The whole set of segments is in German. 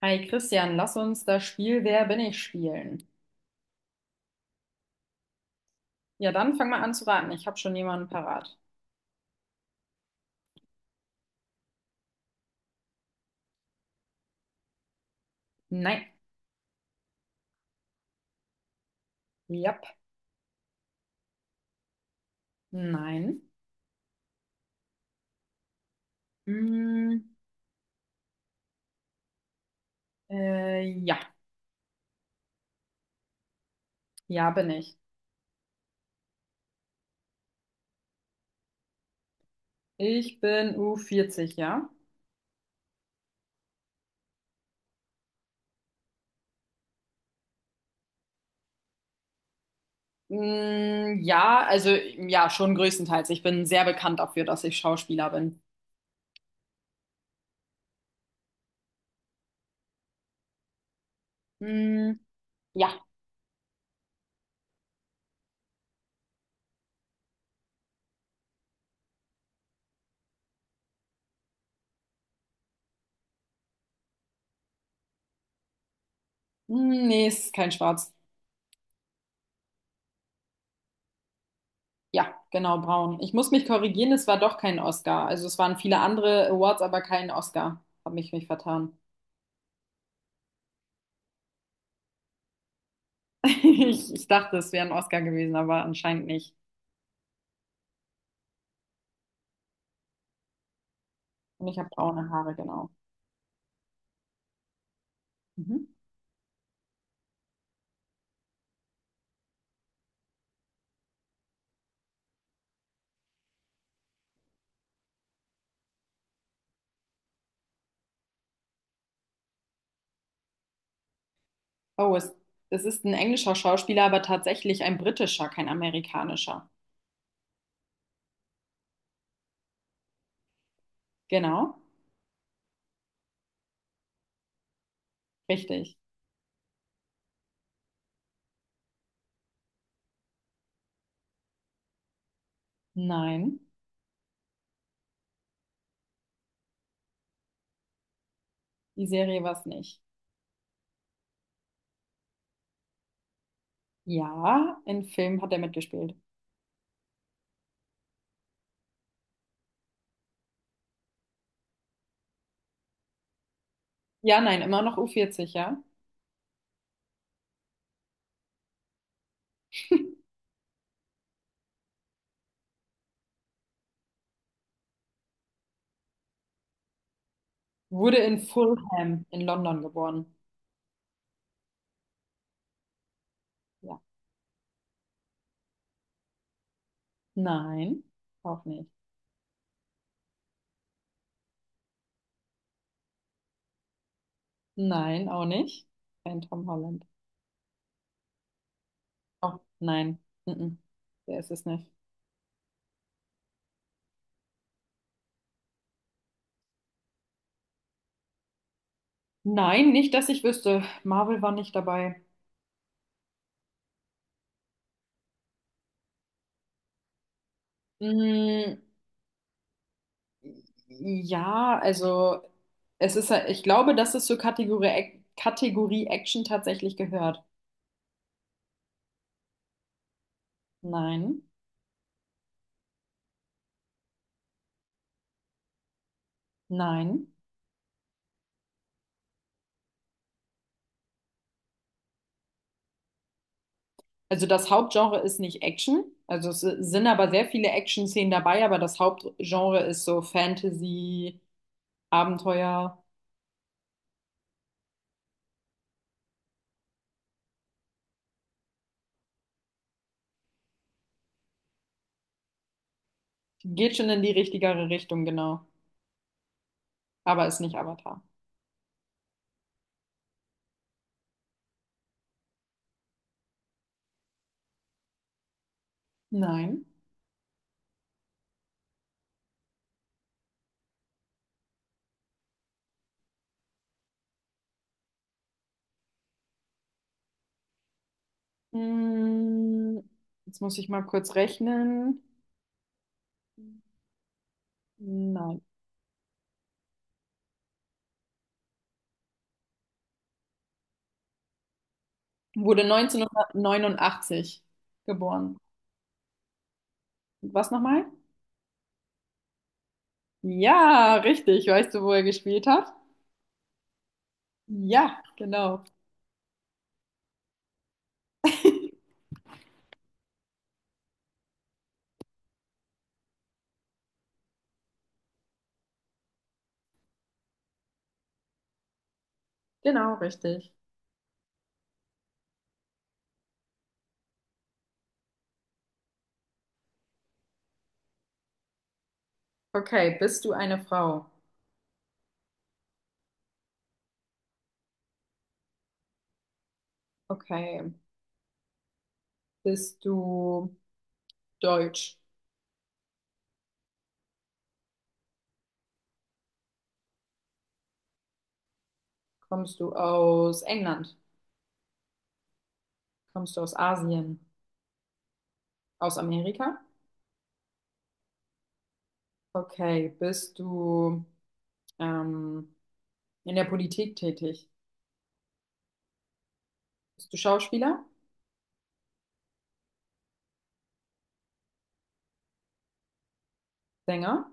Hi Christian, lass uns das Spiel Wer bin ich spielen. Ja, dann fang mal an zu raten. Ich habe schon jemanden parat. Nein. Jap. Nein. Mm, ja. Ja bin ich. Ich bin u vierzig, ja? Ja, also ja, schon größtenteils. Ich bin sehr bekannt dafür, dass ich Schauspieler bin. Mm, ja. Mm, nee, ist kein Schwarz. Ja, genau, braun. Ich muss mich korrigieren, es war doch kein Oscar. Also es waren viele andere Awards, aber kein Oscar. Hab mich vertan. Ich dachte, es wäre ein Oscar gewesen, aber anscheinend nicht. Und ich habe braune Haare, genau. Mhm. Oh, es, Es ist ein englischer Schauspieler, aber tatsächlich ein britischer, kein amerikanischer. Genau, richtig. Nein, die Serie war es nicht. Ja, in Film hat er mitgespielt. Ja, nein, immer noch U40, ja. Wurde in Fulham in London geboren. Ja. Nein, auch nicht. Nein, auch nicht. Kein Tom Holland. Auch nein. Mhm. Der ist es nicht. Nein, nicht, dass ich wüsste. Marvel war nicht dabei. Mm, ja, ja, ich glaube, dass es zur Kategorie Action tatsächlich gehört. Nein, nein. Also das Hauptgenre ist nicht Action. Es sind aber sehr viele Action-Szenen dabei, aber das Hauptgenre ist so Fantasy, Abenteuer. Geht schon in die richtigere Richtung, genau. Aber ist nicht Avatar. Nein. Mm, Jetzt muss ich mal kurz rechnen. Nein. Wurde 1989 geboren. Was nochmal? Ja, richtig. Weißt du, wo er gespielt hat? Ja, genau. Genau, richtig. Okay, bist du eine Frau? Okay. Bist du deutsch? Kommst du aus England? Kommst du aus Asien? Aus Amerika? Okay. Bist du ähm, in der Politik tätig? Bist du Schauspieler? Sänger?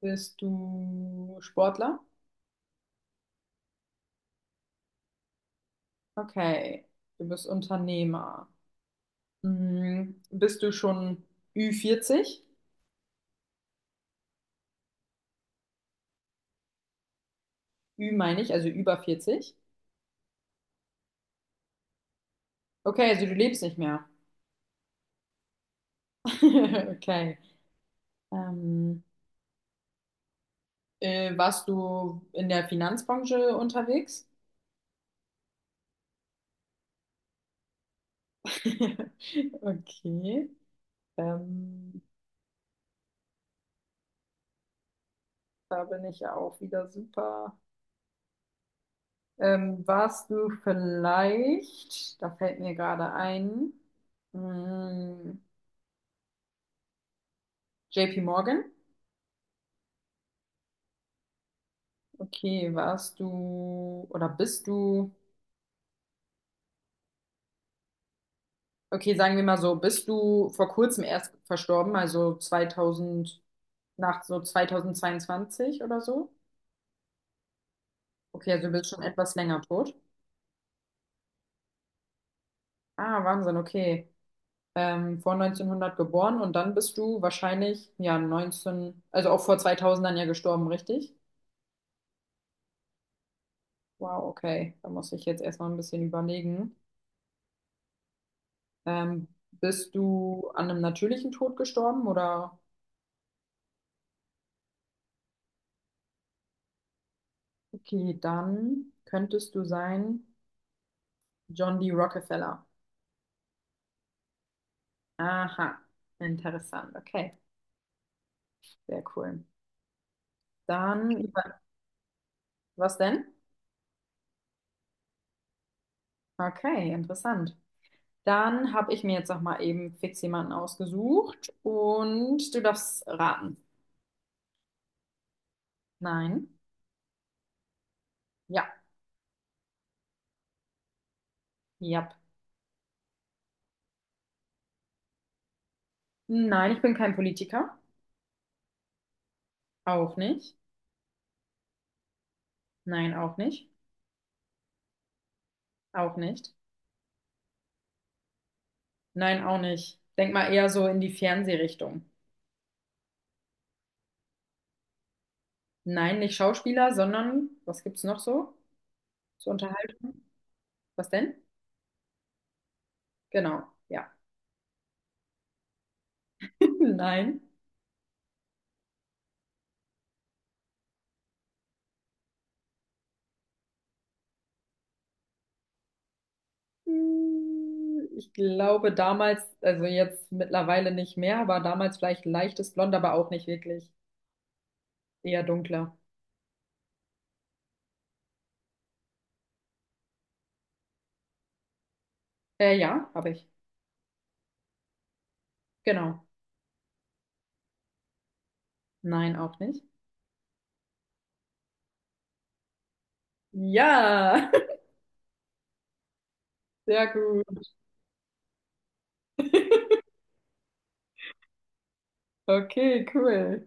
Bist du Sportler? Okay, du bist Unternehmer. Hm, bist du schon Ü40? Ü meine ich, also über 40. Okay, also du lebst nicht mehr. Okay. Ähm, Warst du in der Finanzbranche unterwegs? Okay. Ähm, Da bin ich ja auch wieder super. Warst du vielleicht, da fällt mir gerade ein, hm, JP Morgan? Okay, warst du oder bist du, okay, sagen wir mal so, bist du vor kurzem erst verstorben, also 2000, nach so 2022 oder so? Okay, also du bist schon etwas länger tot. Ah, Wahnsinn, okay. Vor 1900 geboren und dann bist du wahrscheinlich, ja, 19, also auch vor 2000 dann ja gestorben, richtig? Wow, okay, da muss ich jetzt erstmal ein bisschen überlegen. Bist du an einem natürlichen Tod gestorben oder? Okay, dann könntest du sein John D. Rockefeller. Aha, interessant. Okay, sehr cool. Dann, was denn? Okay, interessant. Dann habe ich mir jetzt noch mal eben fix jemanden ausgesucht und du darfst raten. Nein. Ja. Ja. Nein, ich bin kein Politiker. Auch nicht. Nein, auch nicht. Auch nicht. Nein, auch nicht. Denk mal eher so in die Fernsehrichtung. Nein, nicht Schauspieler, sondern was gibt's noch so zur Unterhaltung? Was denn? Genau, ja. Nein. Hm, ich glaube damals, also jetzt mittlerweile nicht mehr, aber damals vielleicht leichtes Blond, aber auch nicht wirklich. Eher dunkler. Ja, habe ich. Genau. Nein, auch nicht. Ja, sehr gut. Okay, cool.